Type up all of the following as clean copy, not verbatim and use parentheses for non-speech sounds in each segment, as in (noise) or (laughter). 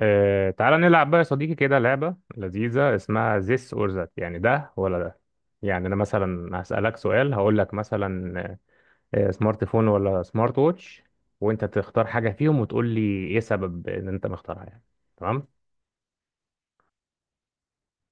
تعالى نلعب بقى يا صديقي كده لعبة لذيذة اسمها this or that، يعني ده ولا ده؟ يعني أنا مثلا هسألك سؤال، هقول لك مثلا سمارت فون ولا سمارت ووتش؟ وأنت تختار حاجة فيهم وتقول لي إيه سبب إن أنت مختارها يعني. تمام.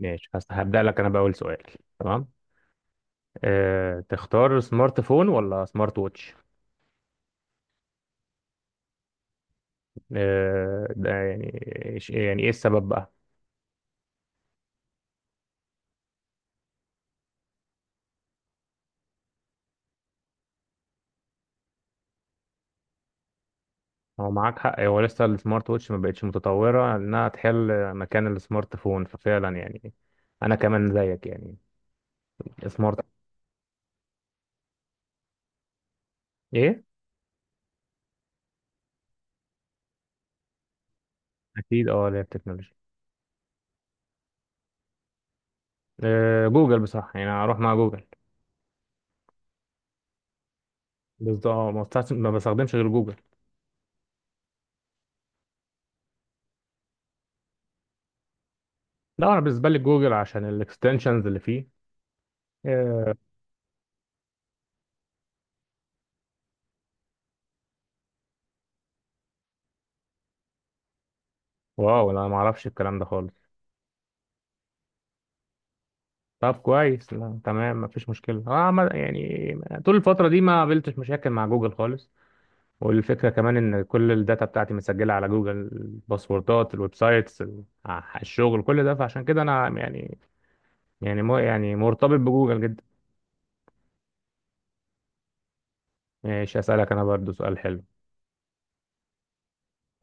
ماشي، هبدأ لك أنا بأول سؤال. تمام. أه، تختار سمارت فون ولا سمارت ووتش؟ أه، ده يعني يعني إيه السبب بقى؟ هو معاك حق، هو لسه السمارت ووتش ما بقتش متطورة انها تحل مكان السمارت فون، ففعلا يعني انا كمان زيك يعني سمارت. ايه، اكيد اه، اللي هي التكنولوجيا. جوجل بصراحة، يعني هروح مع جوجل. بالظبط، آه، ما بستخدمش غير جوجل. لا انا بالنسبة لي جوجل عشان الاكستنشنز اللي فيه. آه، واو، لا ما اعرفش الكلام ده خالص. طب كويس، لا تمام مفيش مشكلة، اه يعني طول الفترة دي ما قابلتش مشاكل مع جوجل خالص. والفكرة كمان إن كل الداتا بتاعتي مسجلة على جوجل، الباسوردات، الويب سايتس، الشغل، كل ده، فعشان كده أنا يعني يعني مو يعني مرتبط بجوجل جدا. ماشي، أسألك أنا برضو سؤال حلو.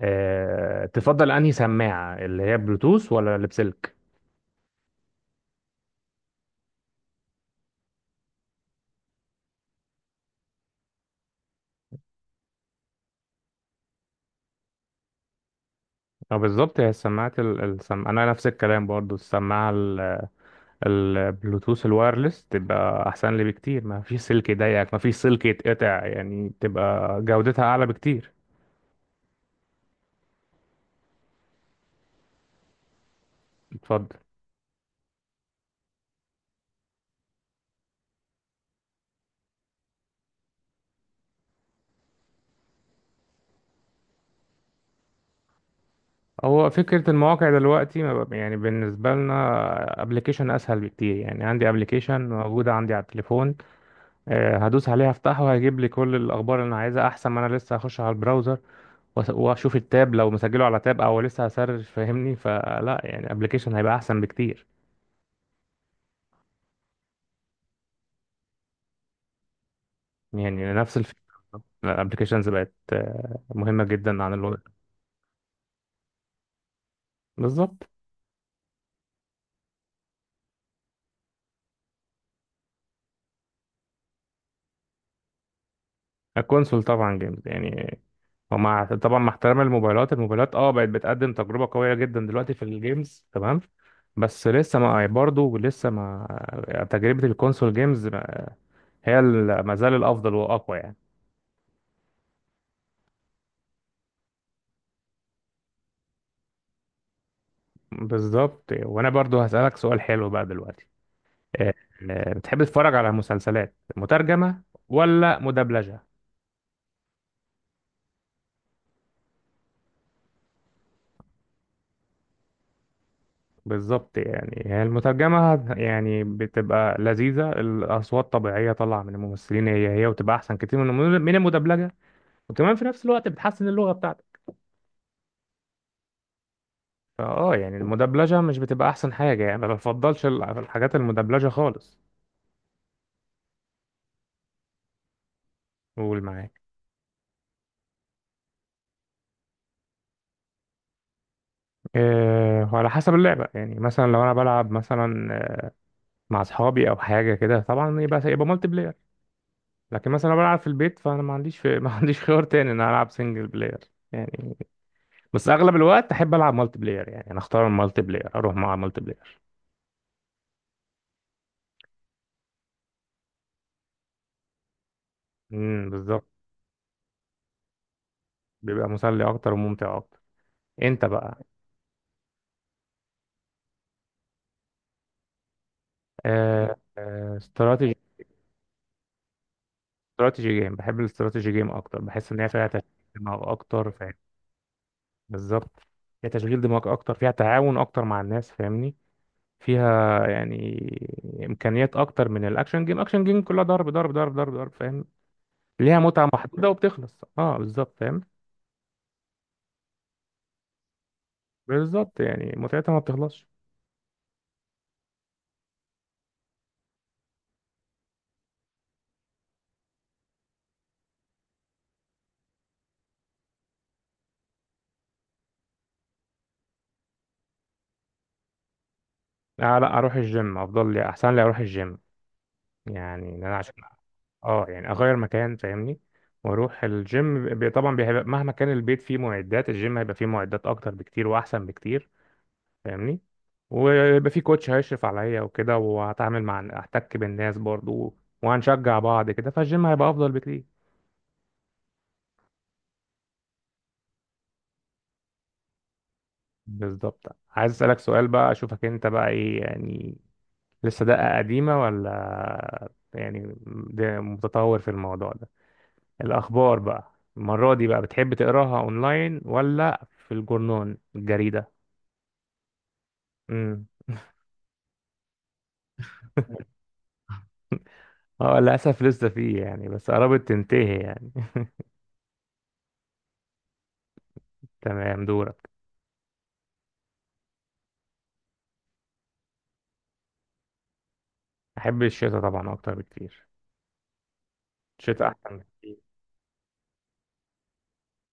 أه، تفضل، أنهي سماعة، اللي هي بلوتوث ولا اللي بسلك؟ أه بالظبط، هي السماعات أنا نفس الكلام برضو، السماعة البلوتوث الوايرلس تبقى أحسن لي بكتير، ما فيش سلك يضايقك، ما فيش سلك يتقطع، يعني تبقى جودتها أعلى بكتير. اتفضل. هو فكرة المواقع دلوقتي ما بقى- يعني بالنسبة لنا ابلكيشن اسهل بكتير، يعني عندي ابلكيشن موجودة عندي على التليفون. هدوس عليه هفتحه هيجيب لي كل الاخبار اللي انا عايزها، احسن ما انا لسه هخش على البراوزر واشوف التاب لو مسجله على تاب او لسه هسرش، فاهمني؟ فلا يعني ابلكيشن هيبقى احسن بكتير. يعني نفس الفكرة. الابلكيشنز بقت مهمة جدا عن الوقت. بالظبط. الكونسول طبعا جيمز يعني، ومع طبعا مع احترام الموبايلات، الموبايلات اه بقت بتقدم تجربة قوية جدا دلوقتي في الجيمز، تمام. بس لسه ما، برضه لسه ما، يعني تجربة الكونسول جيمز هي ما زال الأفضل وأقوى يعني. بالظبط. وأنا برضه هسألك سؤال حلو بقى دلوقتي. آه، بتحب تتفرج على مسلسلات مترجمة ولا مدبلجة؟ بالظبط، يعني هي المترجمة يعني بتبقى لذيذة، الأصوات طبيعية طالعة من الممثلين هي هي، وتبقى أحسن كتير من من المدبلجة. وكمان في نفس الوقت بتحسن اللغة بتاعتك. فاه يعني المدبلجة مش بتبقى احسن حاجة، يعني ما بفضلش الحاجات المدبلجة خالص. قول معاك. أه، على حسب اللعبة يعني، مثلا لو انا بلعب مثلا، آه، مع اصحابي او حاجة كده، طبعا يبقى مالتي بلاير. لكن مثلا لو بلعب في البيت، فانا ما عنديش في... (laughs) ما عنديش خيار تاني ان انا العب سنجل بلاير يعني. بس اغلب الوقت احب العب مالتي بلاير، يعني انا اختار المالتي بلاير، اروح مع مالتي بلاير. بالظبط. بيبقى مسلي اكتر وممتع اكتر. انت بقى. استراتيجي. استراتيجي جيم، بحب الاستراتيجي جيم اكتر، بحس ان هي فيها تشغيل دماغ اكتر، فاهم؟ بالظبط، فيها تشغيل دماغ اكتر، فيها تعاون اكتر مع الناس، فاهمني؟ فيها يعني امكانيات اكتر من الاكشن جيم. اكشن جيم كلها ضرب ضرب ضرب ضرب ضرب، فاهم؟ ليها متعه محدوده وبتخلص، اه بالظبط فاهم. بالظبط، يعني متعتها ما بتخلصش. آه لا، اروح الجيم افضل لي، احسن لي اروح الجيم، يعني ان انا عشان اه يعني اغير مكان، فاهمني؟ واروح الجيم طبعا بيبقى مهما كان البيت فيه معدات الجيم، هيبقى فيه معدات اكتر بكتير واحسن بكتير، فاهمني؟ ويبقى فيه كوتش هيشرف عليا وكده، وهتعامل مع احتك بالناس برضو، وهنشجع بعض كده، فالجيم هيبقى افضل بكتير. بالظبط. عايز اسالك سؤال بقى، اشوفك انت بقى ايه يعني، لسه دقة قديمة ولا يعني ده متطور في الموضوع ده. الأخبار بقى المرة دي بقى، بتحب تقراها أونلاين ولا في الجورنال الجريدة؟ امم. اه للأسف لسه فيه يعني، بس قربت تنتهي يعني. (laughs) تمام، دورك. أحب الشتاء طبعا أكتر بكتير، الشتاء أحسن بكتير.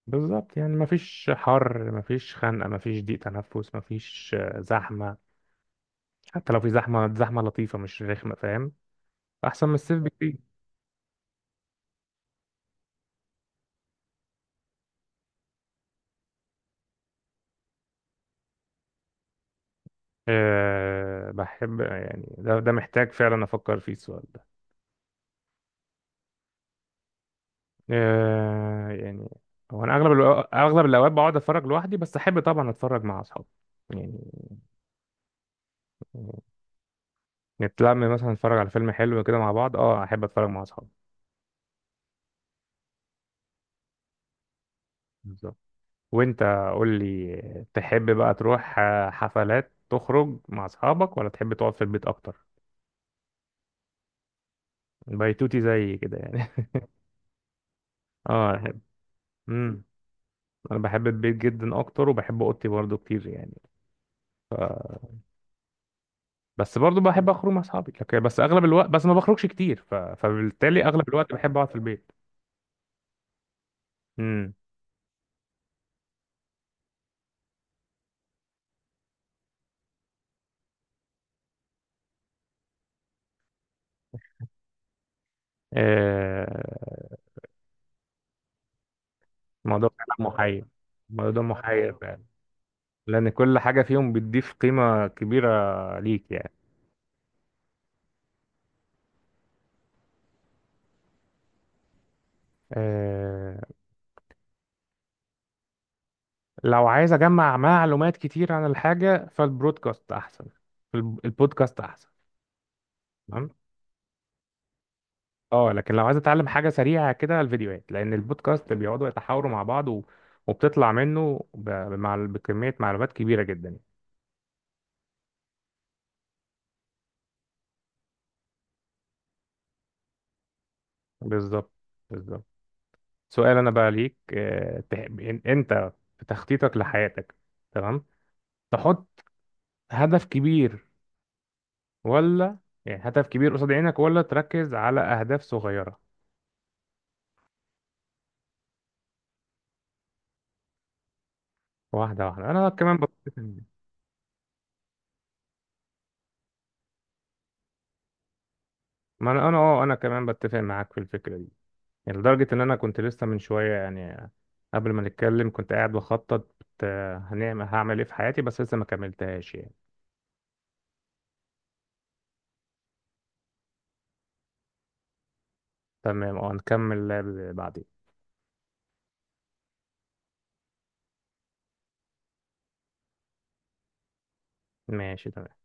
بالظبط، يعني مفيش حر، مفيش خنقة، مفيش ضيق تنفس، مفيش زحمة. حتى لو في زحمة، زحمة لطيفة مش رخمة فاهم. أحسن من الصيف بكتير. أه بحب، يعني ده، ده محتاج فعلا أفكر فيه السؤال ده. آه، يعني هو انا اغلب الاوقات بقعد اتفرج لوحدي، بس احب طبعا اتفرج مع اصحابي يعني، نتلم مثلا نتفرج على فيلم حلو كده مع بعض، اه احب اتفرج مع اصحابي. بالظبط. وانت قول لي، تحب بقى تروح آه، حفلات تخرج مع اصحابك ولا تحب تقعد في البيت اكتر؟ بيتوتي زي كده يعني. (laughs) اه احب. امم. انا بحب البيت جدا اكتر، وبحب اوضتي برضو كتير يعني. بس برضو بحب اخرج مع اصحابي، لكن بس اغلب الوقت بس ما بخرجش كتير، ف... فبالتالي اغلب الوقت بحب اقعد في البيت. امم. آه. الموضوع فعلا محير. الموضوع ده محير فعلا. لان كل حاجه فيهم بتضيف قيمه كبيره ليك يعني. آه، لو عايز اجمع معلومات كتير عن الحاجه فالبرودكاست احسن. البودكاست احسن. تمام. اه لكن لو عايز اتعلم حاجه سريعه كده، الفيديوهات، لان البودكاست بيقعدوا يتحاوروا مع بعض و... وبتطلع منه ب... مع... بكميه معلومات كبيره جدا. بالظبط. بالظبط. سؤال انا بقى ليك، آه، انت في تخطيطك لحياتك، تمام، تحط هدف كبير ولا، يعني هدف كبير قصاد عينك ولا تركز على اهداف صغيره؟ واحده واحده، انا كمان بتفق معاك. ما انا انا اه، انا كمان بتفق معاك في الفكره دي. يعني لدرجه ان انا كنت لسه من شويه يعني، قبل ما نتكلم كنت قاعد بخطط آه، هعمل ايه في حياتي، بس لسه ما كملتهاش يعني. تمام اه، نكمل بعدين. ماشي تمام.